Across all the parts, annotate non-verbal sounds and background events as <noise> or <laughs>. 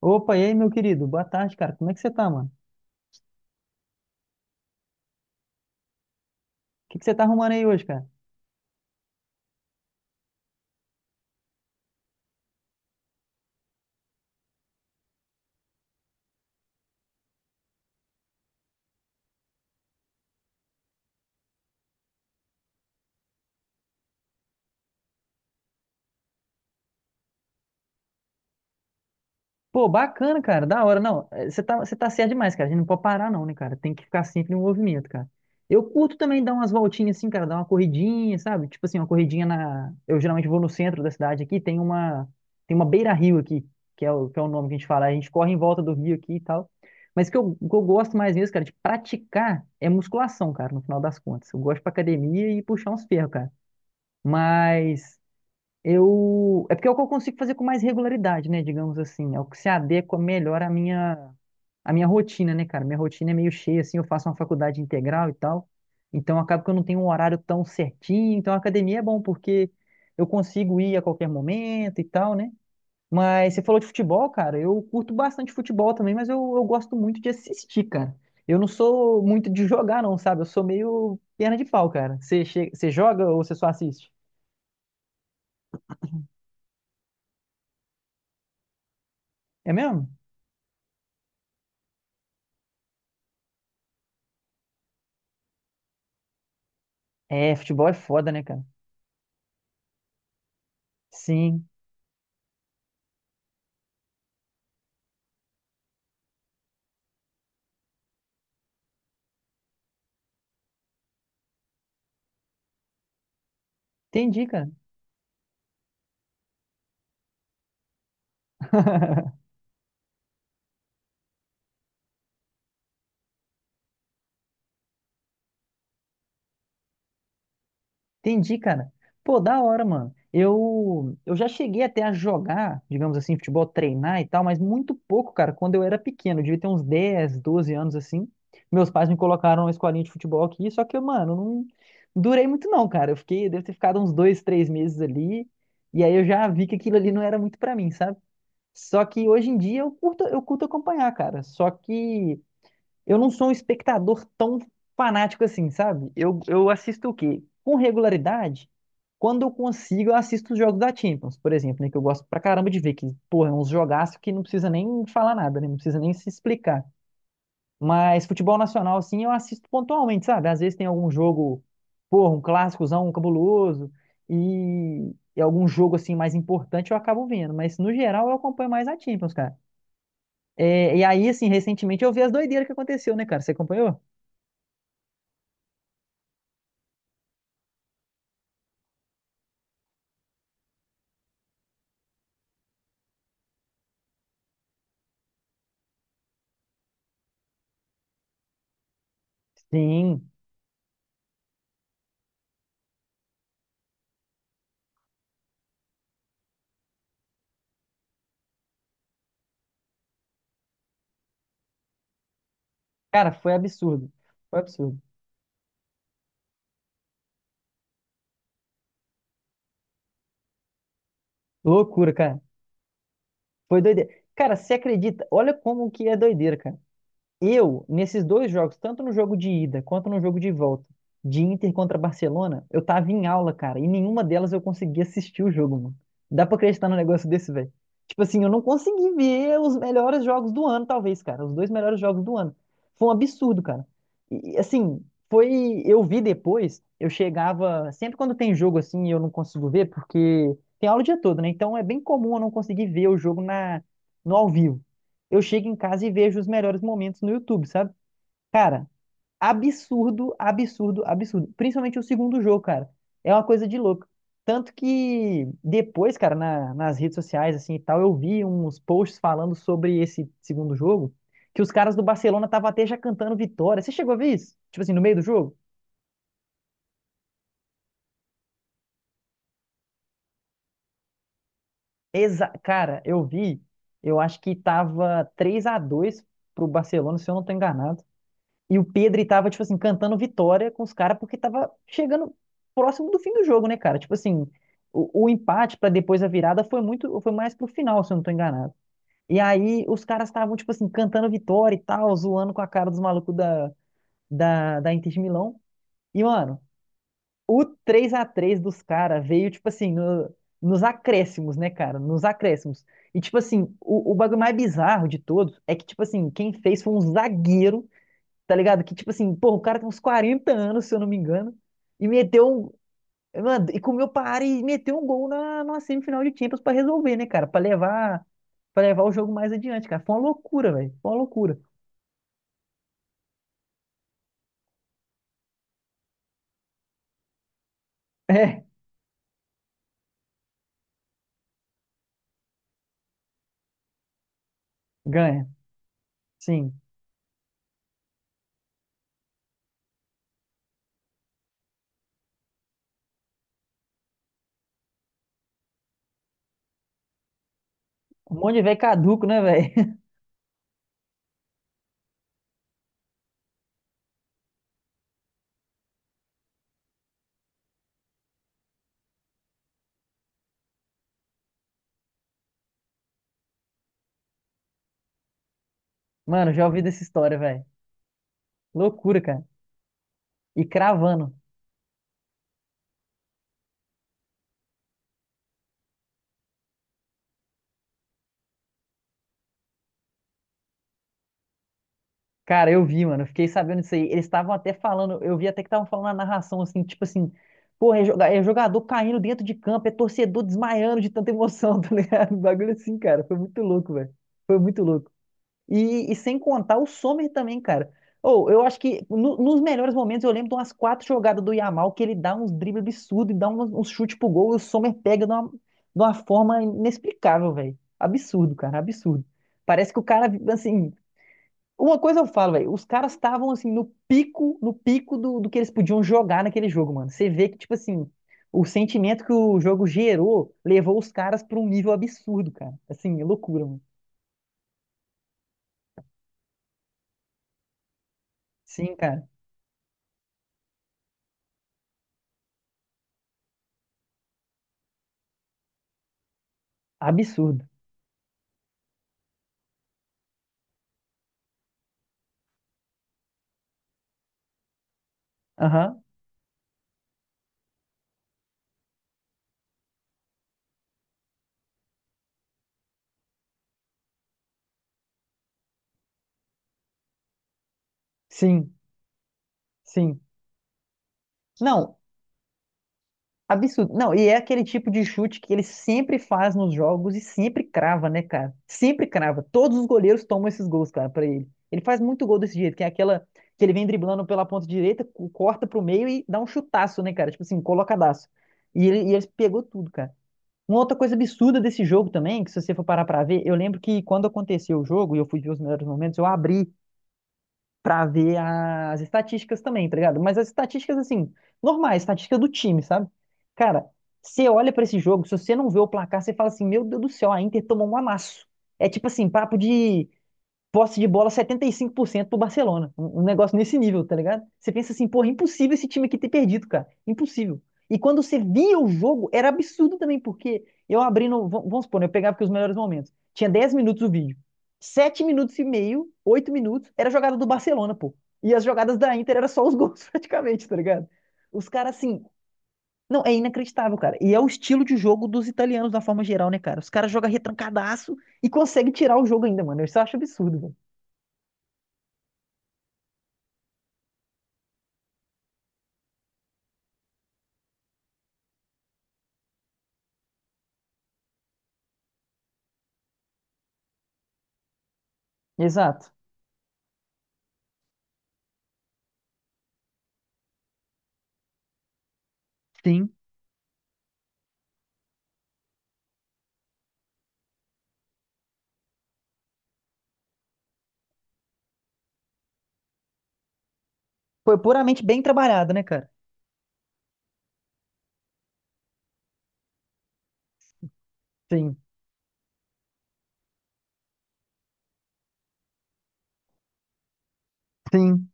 Opa, e aí, meu querido? Boa tarde, cara. Como é que você tá, mano? O que que você tá arrumando aí hoje, cara? Pô, bacana, cara. Da hora. Não, você tá certo demais, cara. A gente não pode parar, não, né, cara? Tem que ficar sempre em movimento, cara. Eu curto também dar umas voltinhas assim, cara. Dar uma corridinha, sabe? Tipo assim, uma corridinha. Eu geralmente vou no centro da cidade aqui. Tem uma beira-rio aqui, que é o nome que a gente fala. A gente corre em volta do rio aqui e tal. Mas o que eu gosto mais mesmo, cara, de praticar é musculação, cara, no final das contas. Eu gosto pra academia e puxar uns ferros, cara. Mas É porque é o que eu consigo fazer com mais regularidade, né? Digamos assim. É o que se adequa melhor à minha rotina, né, cara? Minha rotina é meio cheia, assim. Eu faço uma faculdade integral e tal. Então, acaba que eu não tenho um horário tão certinho. Então, a academia é bom, porque eu consigo ir a qualquer momento e tal, né? Mas você falou de futebol, cara. Eu curto bastante futebol também, mas eu gosto muito de assistir, cara. Eu não sou muito de jogar, não, sabe? Eu sou meio perna de pau, cara. Você joga ou você só assiste? É mesmo? É, futebol é foda, né, cara? Sim. Entendi, cara. <laughs> Entendi, cara. Pô, da hora, mano. Eu já cheguei até a jogar, digamos assim, futebol, treinar e tal, mas muito pouco, cara, quando eu era pequeno. Eu devia ter uns 10, 12 anos assim. Meus pais me colocaram na escolinha de futebol aqui, só que, mano, não durei muito não, cara. Eu fiquei, devo ter ficado uns 2, 3 meses ali, e aí eu já vi que aquilo ali não era muito pra mim, sabe? Só que hoje em dia eu curto acompanhar, cara. Só que eu não sou um espectador tão fanático assim, sabe? Eu assisto o quê? Com regularidade, quando eu consigo, eu assisto os jogos da Champions, por exemplo, né? Que eu gosto pra caramba de ver, que, porra, é uns jogaços que não precisa nem falar nada, né? Não precisa nem se explicar. Mas futebol nacional, assim, eu assisto pontualmente, sabe? Às vezes tem algum jogo, porra, um clássicozão, um cabuloso, e algum jogo, assim, mais importante eu acabo vendo. Mas, no geral, eu acompanho mais a Champions, cara. É, e aí, assim, recentemente eu vi as doideiras que aconteceu, né, cara? Você acompanhou? Sim. Cara, foi absurdo. Foi absurdo. Loucura, cara. Foi doideira. Cara, você acredita? Olha como que é doideira, cara. Eu, nesses dois jogos, tanto no jogo de ida quanto no jogo de volta, de Inter contra Barcelona, eu tava em aula, cara, e nenhuma delas eu conseguia assistir o jogo, mano. Dá pra acreditar num negócio desse, velho? Tipo assim, eu não consegui ver os melhores jogos do ano, talvez, cara. Os dois melhores jogos do ano. Foi um absurdo, cara. Assim, foi. Eu vi depois, eu chegava. Sempre quando tem jogo assim, e eu não consigo ver, porque tem aula o dia todo, né? Então é bem comum eu não conseguir ver o jogo no ao vivo, eu chego em casa e vejo os melhores momentos no YouTube, sabe? Cara, absurdo, absurdo, absurdo. Principalmente o segundo jogo, cara. É uma coisa de louco. Tanto que depois, cara, nas redes sociais, assim e tal, eu vi uns posts falando sobre esse segundo jogo, que os caras do Barcelona estavam até já cantando vitória. Você chegou a ver isso? Tipo assim, no meio do jogo? Exa Cara, eu vi, eu acho que tava três a 2 pro Barcelona, se eu não tô enganado. E o Pedri tava, tipo assim, cantando vitória com os caras porque tava chegando próximo do fim do jogo, né, cara? Tipo assim, o empate pra depois a virada foi foi mais pro final, se eu não tô enganado. E aí os caras estavam, tipo assim, cantando vitória e tal, zoando com a cara dos malucos da Inter de Milão. E, mano, o 3-3 dos caras veio, tipo assim, nos acréscimos, né, cara? Nos acréscimos. E, tipo assim, o bagulho mais bizarro de todos é que, tipo assim, quem fez foi um zagueiro, tá ligado? Que tipo assim, pô, o cara tem uns 40 anos, se eu não me engano, e meteu um. Mano, e comeu para e meteu um gol na semifinal de Champions pra resolver, né, cara? Para levar o jogo mais adiante, cara. Foi uma loucura, velho. Foi uma loucura. É, ganha. Sim. Um monte de velho caduco, né, velho? <laughs> Mano, já ouvi dessa história, velho. Loucura, cara. E cravando. Cara, eu vi, mano. Eu fiquei sabendo disso aí. Eles estavam até falando, eu vi até que estavam falando na narração, assim, tipo assim, porra, é jogador caindo dentro de campo, é torcedor desmaiando de tanta emoção, <laughs> tá ligado? Um bagulho assim, cara. Foi muito louco, velho. Foi muito louco. E sem contar o Sommer também, cara. Ou eu acho que nos melhores momentos eu lembro de umas quatro jogadas do Yamal que ele dá uns dribles absurdos e dá uns chutes pro gol e o Sommer pega de uma forma inexplicável, velho. Absurdo, cara, absurdo. Parece que o cara, assim. Uma coisa eu falo, velho, os caras estavam assim no pico, no pico do que eles podiam jogar naquele jogo, mano. Você vê que, tipo assim, o sentimento que o jogo gerou levou os caras pra um nível absurdo, cara. Assim, é loucura, mano. Sim, cara. Absurdo. Aham. Sim, sim. Não, absurdo. Não, e é aquele tipo de chute que ele sempre faz nos jogos e sempre crava, né, cara? Sempre crava. Todos os goleiros tomam esses gols, cara, pra ele. Ele faz muito gol desse jeito, que é aquela que ele vem driblando pela ponta direita, corta pro meio e dá um chutaço, né, cara? Tipo assim, colocadaço. E ele pegou tudo, cara. Uma outra coisa absurda desse jogo também, que se você for parar pra ver, eu lembro que quando aconteceu o jogo e eu fui ver os melhores momentos, eu abri pra ver as estatísticas também, tá ligado? Mas as estatísticas, assim, normais, estatística do time, sabe? Cara, você olha pra esse jogo, se você não vê o placar, você fala assim, meu Deus do céu, a Inter tomou um amasso. É tipo assim, papo de posse de bola 75% pro Barcelona. Um negócio nesse nível, tá ligado? Você pensa assim, porra, é impossível esse time aqui ter perdido, cara. Impossível. E quando você via o jogo, era absurdo também, porque eu abri no. vam- Vamos supor, né, eu pegava aqui os melhores momentos. Tinha 10 minutos o vídeo. 7 minutos e meio, 8 minutos, era jogada do Barcelona, pô. E as jogadas da Inter era só os <laughs> gols, praticamente, tá ligado? Os caras, assim. Não, é inacreditável, cara. E é o estilo de jogo dos italianos, da forma geral, né, cara? Os caras jogam retrancadaço e conseguem tirar o jogo ainda, mano. Isso eu acho absurdo, velho. Exato. Sim, foi puramente bem trabalhado, né, cara? Sim. Sim.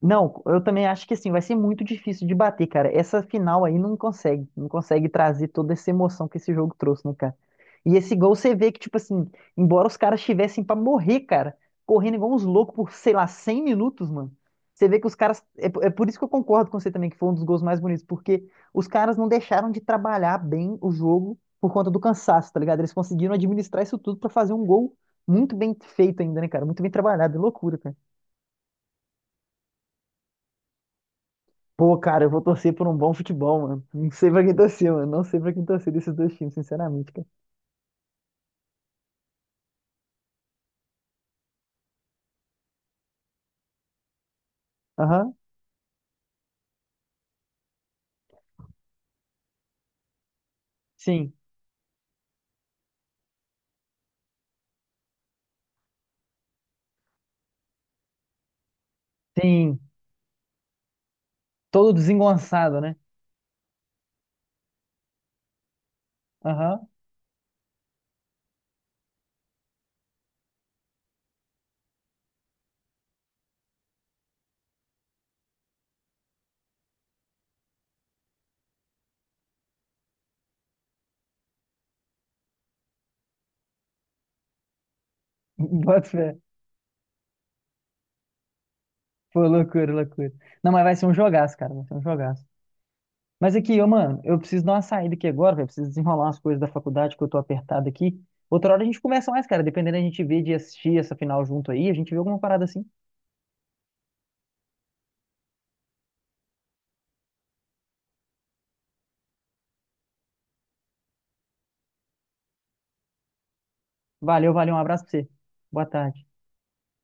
Não, eu também acho que assim, vai ser muito difícil de bater, cara. Essa final aí não consegue trazer toda essa emoção que esse jogo trouxe, né, cara? E esse gol você vê que, tipo assim, embora os caras estivessem pra morrer, cara, correndo igual uns loucos por, sei lá, 100 minutos, mano. Você vê que os caras. É, é por isso que eu concordo com você também, que foi um dos gols mais bonitos, porque os caras não deixaram de trabalhar bem o jogo por conta do cansaço, tá ligado? Eles conseguiram administrar isso tudo pra fazer um gol muito bem feito ainda, né, cara? Muito bem trabalhado, é loucura, cara. Pô, cara, eu vou torcer por um bom futebol, mano. Não sei pra quem torcer, mano. Não sei pra quem torcer desses dois times, sinceramente, cara. Aham, sim, sim. Todo desengonçado, né? Aham, <laughs> bota fé. Pô, loucura, loucura. Não, mas vai ser um jogaço, cara. Vai ser um jogaço. Mas aqui, ô, mano, eu preciso dar uma saída aqui agora, velho. Preciso desenrolar umas coisas da faculdade que eu tô apertado aqui. Outra hora a gente conversa mais, cara. Dependendo, a gente vê de assistir essa final junto aí. A gente vê alguma parada assim. Valeu, valeu. Um abraço pra você. Boa tarde.